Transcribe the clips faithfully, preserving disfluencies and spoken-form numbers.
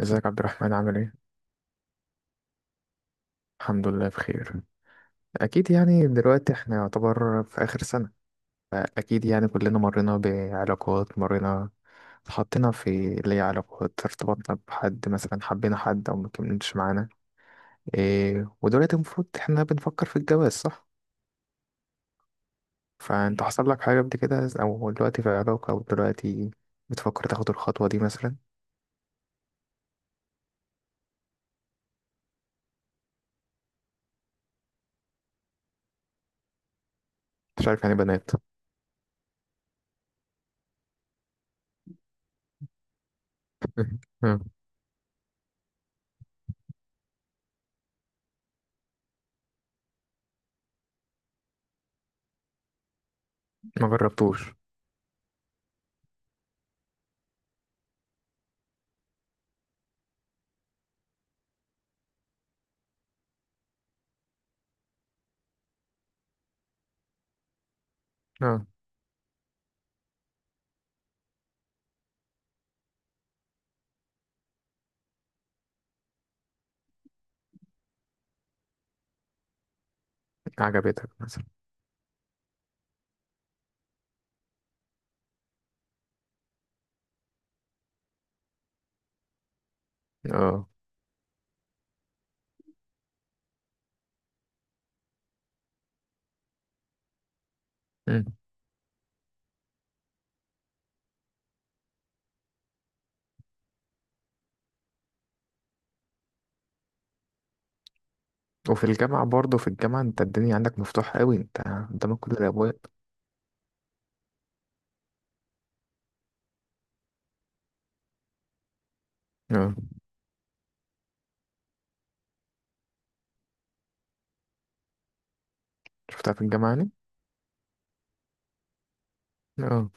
ازيك عبد الرحمن، عامل ايه؟ الحمد لله بخير. اكيد يعني دلوقتي احنا يعتبر في اخر سنة، فاكيد يعني كلنا مرينا بعلاقات، مرينا اتحطينا في اللي هي علاقات، ارتبطنا بحد مثلا، حبينا حد او مكملتش معانا. إيه، ودلوقتي المفروض احنا بنفكر في الجواز، صح؟ فانت حصل لك حاجة قبل كده، او دلوقتي في علاقة، او دلوقتي بتفكر تاخد الخطوة دي مثلا؟ مش عارف يعني بنات. ما جربتوش؟ اه، عجبتك مثلا؟ اه، وفي الجامعة برضه، في الجامعة انت الدنيا عندك مفتوحة قوي، انت قدامك كل الأبواب. اه، شفتها في الجامعة يعني؟ اه،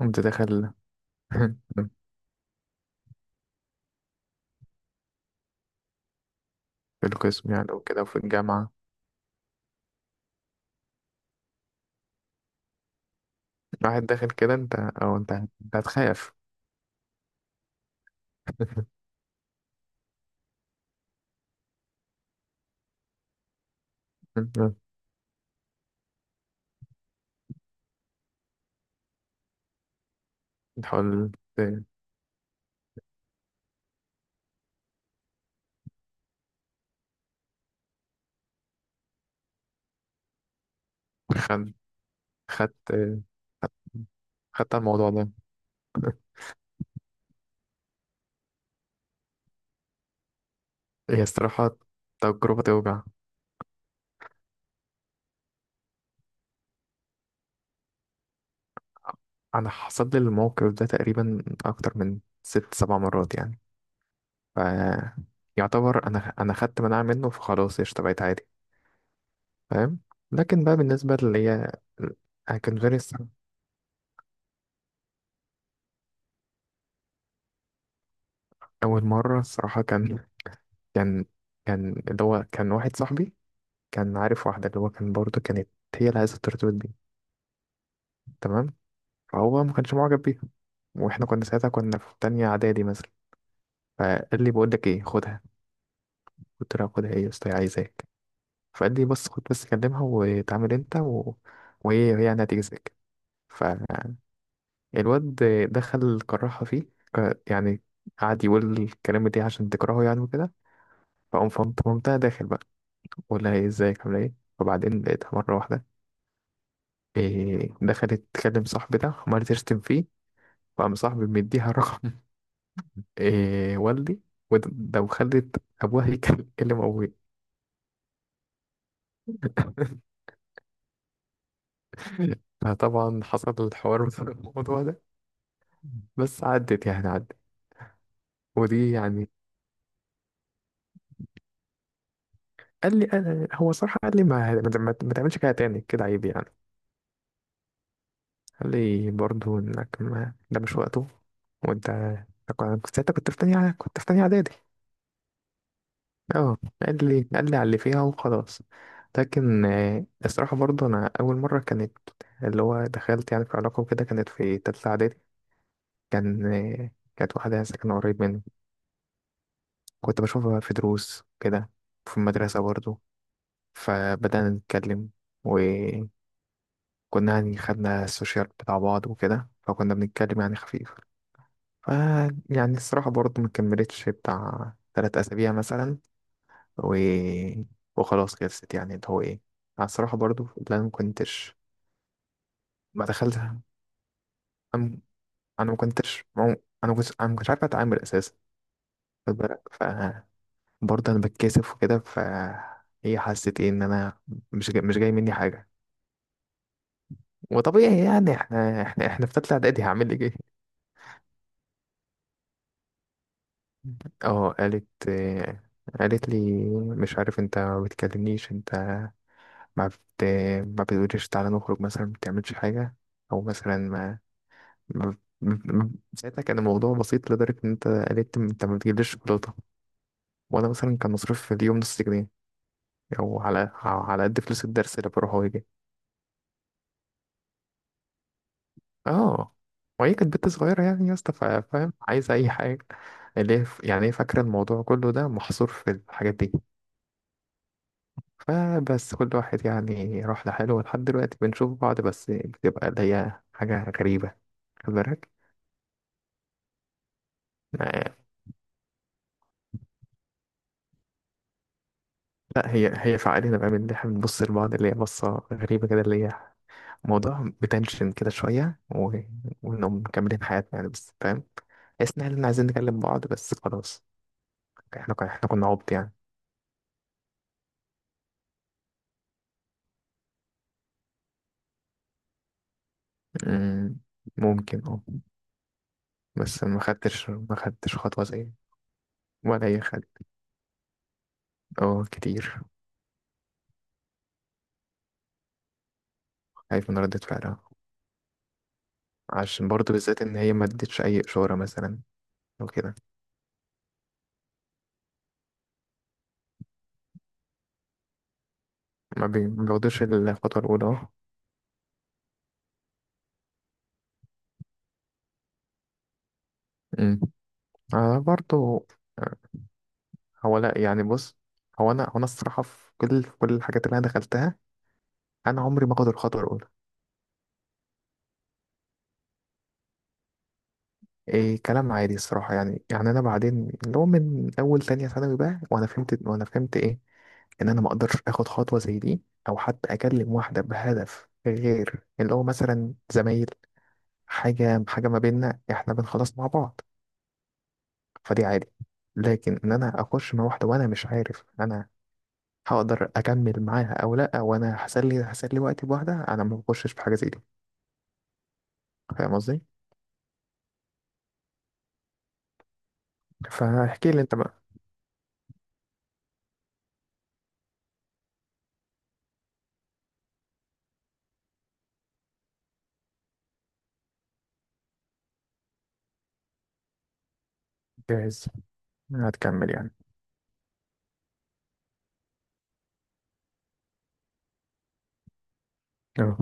انت داخل. في القسم يعني وكده، وفي الجامعة. واحد داخل كده، انت او انت انت هتخاف. اه. تحاول ت- خد خدت خدت خدت على الموضوع ده. هي الصراحة تجربة توجع. أنا حصل لي الموقف ده تقريبا أكتر من ست سبع مرات يعني. ف يعتبر أنا أنا خدت مناعة منه، فخلاص اشتبعت عادي. فاهم؟ لكن بقى بالنسبة اللي هي أنا كان فينيس. أول مرة الصراحة كان كان كان اللي هو كان واحد صاحبي كان عارف واحدة، اللي هو كان برضه كانت هي اللي عايزة الترتيبات دي، تمام؟ فهو ما كانش معجب بيها. واحنا كنا ساعتها كنا في تانية إعدادي مثلا. فقال لي: بقول لك ايه، خدها. قلت له: خدها ايه يا اسطى، هي عايزاك. فقال لي: بس خد بس كلمها وتعامل انت و... وهي هي يعني هتجيزك. الواد دخل كرهها فيه، ك- يعني قعد يقول الكلام دي عشان تكرهه يعني وكده. فقام فهمت مامتها داخل بقى، بقول لها ايه، ازيك عامله ايه. وبعدين لقيتها مره واحده إيه دخلت تكلم صاحبي ده، عمالة تشتم فيه، وقام صاحبي مديها رقم. إيه والدي، وده ده وخلت ابوها يكلم ابوي. فطبعا حصل الحوار بسبب الموضوع ده. بس عدت يعني عدت. ودي يعني. قال لي انا، هو صراحه قال لي: ما ما ما تعملش كده تاني، كده عيب يعني. قال لي برضه انك ما، ده مش وقته. وانت أنا كنت ساعتها كنت في تانية إعدادي- كنت في تانية اعدادي. اه، قال لي قال لي على اللي فيها وخلاص. لكن آه، الصراحة برضه أنا أول مرة كانت اللي هو دخلت يعني في علاقة وكده، كانت في تالتة إعدادي. كان آه، كانت واحدة ساكنة قريب مني. كنت بشوفها في دروس كده، في المدرسة برضه. فبدأنا نتكلم وكنا يعني خدنا السوشيال بتاع بعض وكده، فكنا بنتكلم يعني خفيف. ف يعني الصراحة برضه ما كملتش بتاع تلات أسابيع مثلا و... وخلاص خلصت يعني اللي هو إيه. أنا الصراحة برضه لا، ما كنتش، ما دخلت، أم... أنا ما كنتش مو... أنا كنت أنا ما كنتش عارف أتعامل أساسا. خد بالك. ف برضه أنا بتكسف وكده، ف هي حست إيه إن أنا مش جاي... مش جاي مني حاجة. وطبيعي يعني، إحنا إحنا إحنا في تالتة إعدادي هعمل لك إيه؟ أه قالت آه، قالت لي: مش عارف، أنت ما بتكلمنيش، أنت ما بت... ما بتقوليش تعالى نخرج مثلا، ما بتعملش حاجة. أو مثلا ما, ما... ما... ما- ساعتها كان الموضوع بسيط لدرجة إن أنت قلت: أنت ما بتجيبليش شوكولاتة. وأنا مثلا كان مصروف في اليوم نص جنيه، أو على أو على قد فلوس الدرس، اللي بروح وأجي. أه، وهي كانت بنت صغيرة يعني يا اسطى، فا- فاهم، عايزة أي حاجة. اللي هي ف- يعني هي فاكرة الموضوع كله ده محصور في الحاجات دي. فبس كل واحد يعني راح لحاله، ولحد دلوقتي بنشوف بعض، بس بتبقى اللي هي حاجة غريبة. خد بالك. آه، لا، هي هي فعالية بقى من اللي احنا بنبص لبعض، اللي هي بصة غريبة كده، اللي هي موضوع بتنشن كده شوية و... وإنهم مكملين حياتنا يعني، بس فاهم، تحس إن احنا عايزين نكلم بعض بس خلاص. احنا كنا احنا كنا عبط يعني. أمم، ممكن، اه. بس ما خدتش ما خدتش خطوة زي، ولا أي خد. اه، كتير. خايف من ردة فعلها، عشان برضو بالذات إن هي ما ادتش أي إشارة مثلا، أو كده. ما بي- ما بياخدوش الخطوة الأولى، اه. أمم. آه، برضو. هو لا يعني بص، هو انا هو انا الصراحه في كل في كل الحاجات اللي انا دخلتها، انا عمري ما اخد الخطوه الاولى. إيه كلام عادي الصراحه يعني يعني انا بعدين اللي هو من اول تانية ثانوي بقى، وانا فهمت وانا فهمت ايه، ان انا ما اقدرش اخد خطوه زي دي، او حتى اكلم واحده بهدف غير اللي هو مثلا زمايل. حاجه حاجه ما بيننا، احنا بنخلص مع بعض، فدي عادي. لكن ان انا اخش مع واحده وانا مش عارف انا هقدر اكمل معاها او لا، وانا هسلي هسلي وقتي بواحده، انا ما بخشش في حاجه زي دي. فاهم قصدي. فاحكي لي انت بقى. جاهز، هتكمل يعني. اه.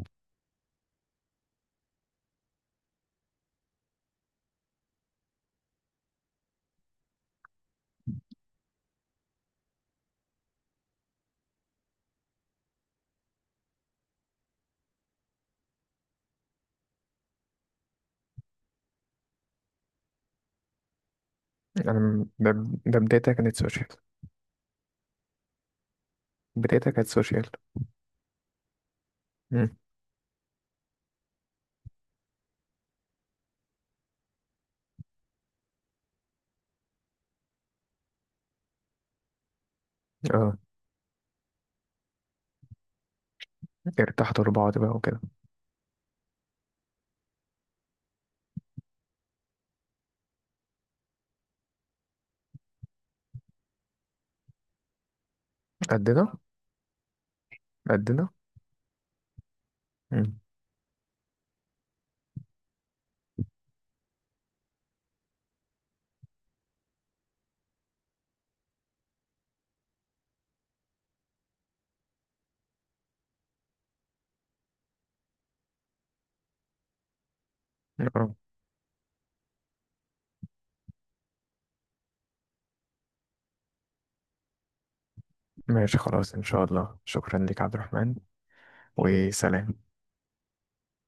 انا م- ده، ده بدايتها كانت سوشيال. بدايتها كانت سوشيال. مم. اه. ارتحتوا لبعض بقى وكده. قدنا. قدنا. مم. اه ماشي خلاص ان شاء الله، شكرا لك عبد الرحمن. وسلام.